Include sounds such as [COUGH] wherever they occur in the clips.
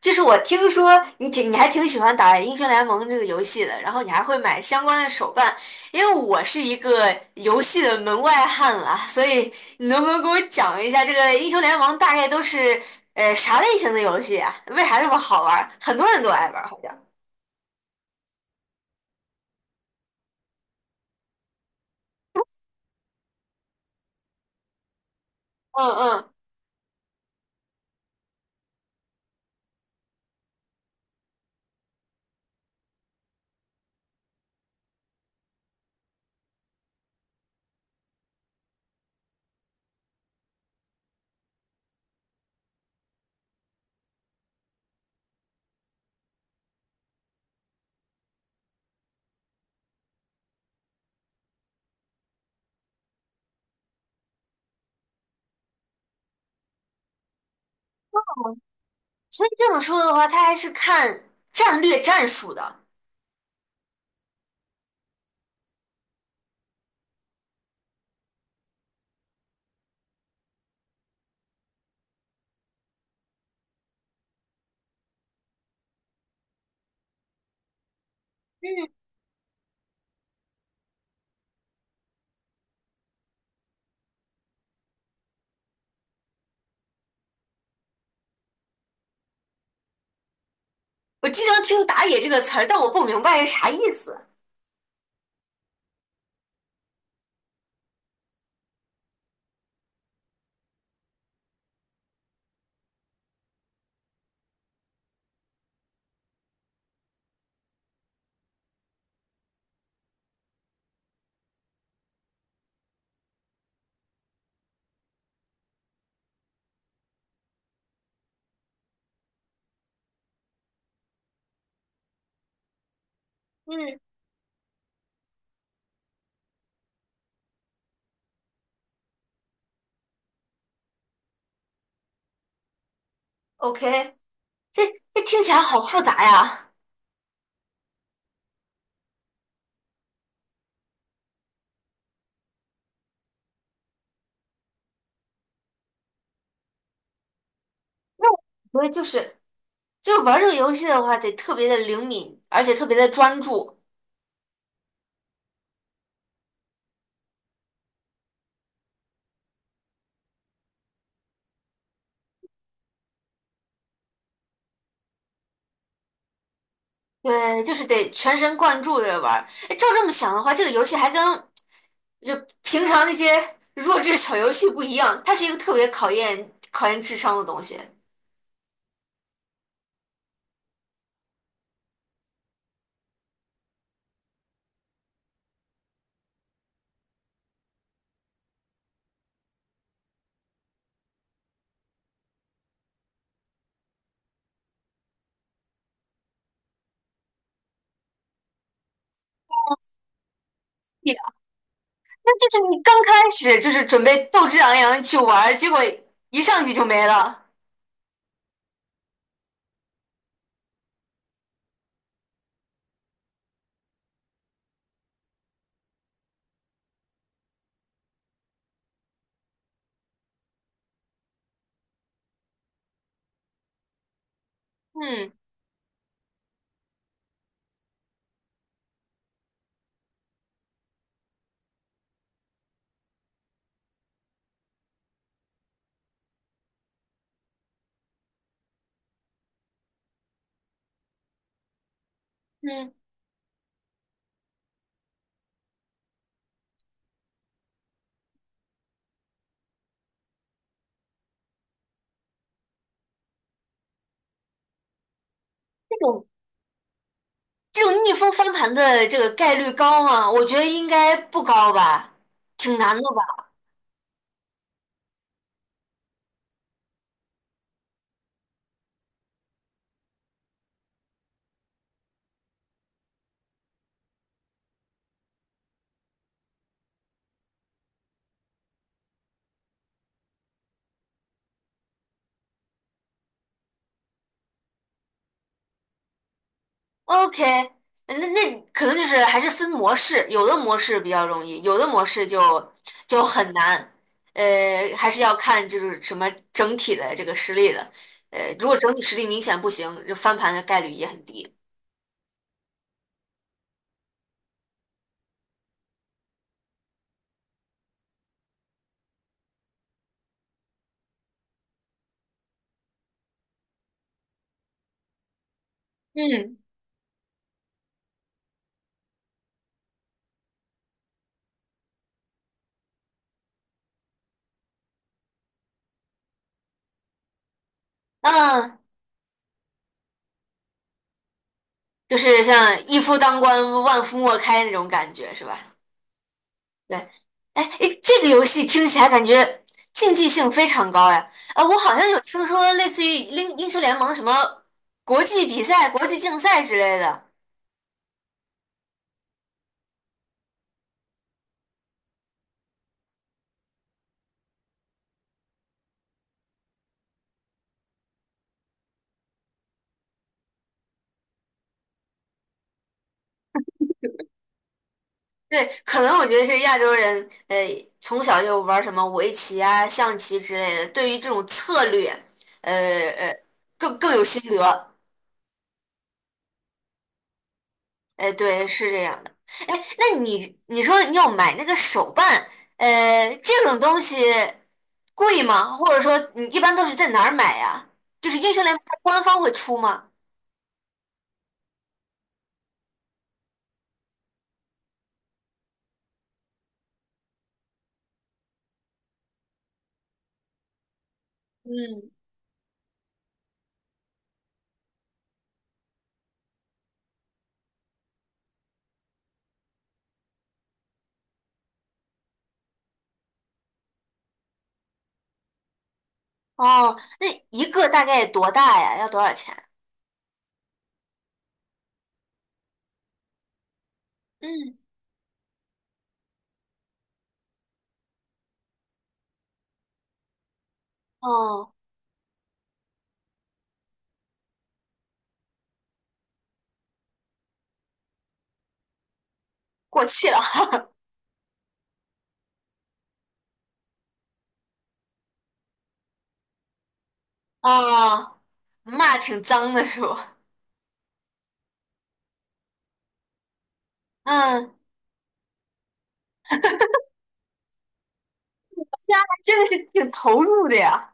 就是我听说你还挺喜欢打《英雄联盟》这个游戏的，然后你还会买相关的手办。因为我是一个游戏的门外汉了，所以你能不能给我讲一下这个《英雄联盟》大概都是啥类型的游戏啊？为啥这么好玩儿？很多人都爱玩儿，好像。嗯嗯，所以这种说的话，它还是看战略战术的。我经常听"打野"这个词儿，但我不明白是啥意思。嗯，OK。这这听起来好复杂呀。那我觉得就是玩这个游戏的话，得特别的灵敏，而且特别的专注。对，就是得全神贯注的玩儿。哎，照这么想的话，这个游戏还跟就平常那些 [LAUGHS] 弱智小游戏不一样，它是一个特别考验智商的东西。对，那就是你刚开始就是准备斗志昂扬的去玩儿，结果一上去就没了。嗯嗯，这种这种逆风翻盘的这个概率高吗？我觉得应该不高吧，挺难的吧。OK，那那可能就是还是分模式，有的模式比较容易，有的模式就很难。还是要看就是什么整体的这个实力的。如果整体实力明显不行，就翻盘的概率也很低。嗯，那就是像一夫当关，万夫莫开那种感觉，是吧？对。哎，诶这个游戏听起来感觉竞技性非常高呀！我好像有听说类似于英雄联盟什么国际比赛、国际竞赛之类的。对，可能我觉得是亚洲人，从小就玩什么围棋啊、象棋之类的，对于这种策略，呃呃，更有心得。哎，对，是这样的。哎，那你说你要买那个手办，这种东西贵吗？或者说你一般都是在哪儿买呀？就是英雄联盟它官方会出吗？嗯。哦，那一个大概多大呀？要多少钱？嗯。哦，过气了。[LAUGHS] 哦，骂挺脏的是不？嗯。真的是挺投入的呀。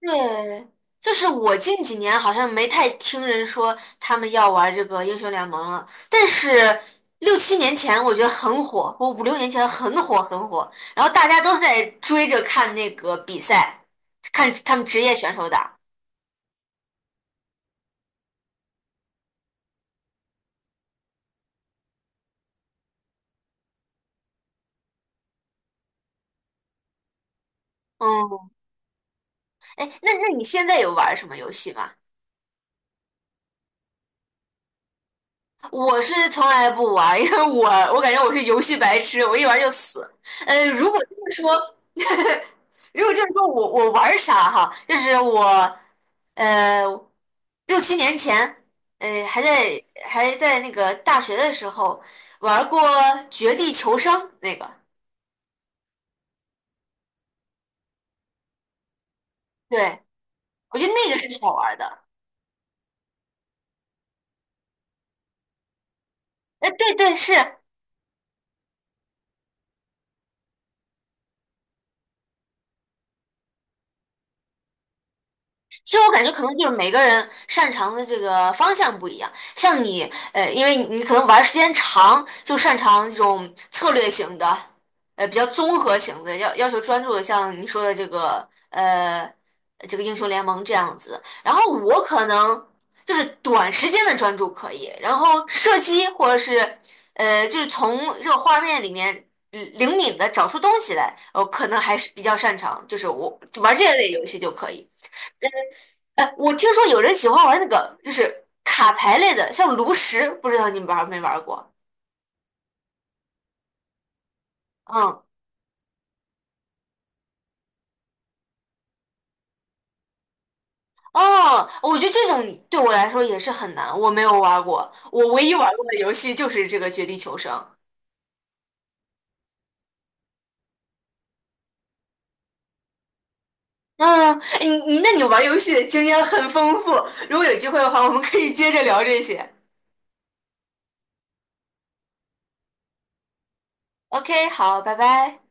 对，就是我近几年好像没太听人说他们要玩这个英雄联盟了，但是六七年前我觉得很火，我五六年前很火。然后大家都在追着看那个比赛，看他们职业选手打。嗯。哎，那那你现在有玩什么游戏吗？我是从来不玩，因为我感觉我是游戏白痴，我一玩就死。呃，如果这么说，[LAUGHS] 如果这么说我玩啥哈？就是我呃六七年前，还在那个大学的时候玩过《绝地求生》那个。对，我觉得那个是好玩的。哎，对对是。其实我感觉可能就是每个人擅长的这个方向不一样，像你，因为你可能玩儿时间长，就擅长这种策略型的，比较综合型的，要求专注的，像你说的这个，这个英雄联盟这样子。然后我可能就是短时间的专注可以，然后射击或者是，就是从这个画面里面。嗯，灵敏的找出东西来，我可能还是比较擅长，就是我玩这类游戏就可以。哎，我听说有人喜欢玩那个，就是卡牌类的，像炉石，不知道你们玩没玩过？嗯。哦，我觉得这种对我来说也是很难，我没有玩过。我唯一玩过的游戏就是这个《绝地求生》。嗯。哎你那你玩游戏的经验很丰富，如果有机会的话，我们可以接着聊这些。OK，好，拜拜。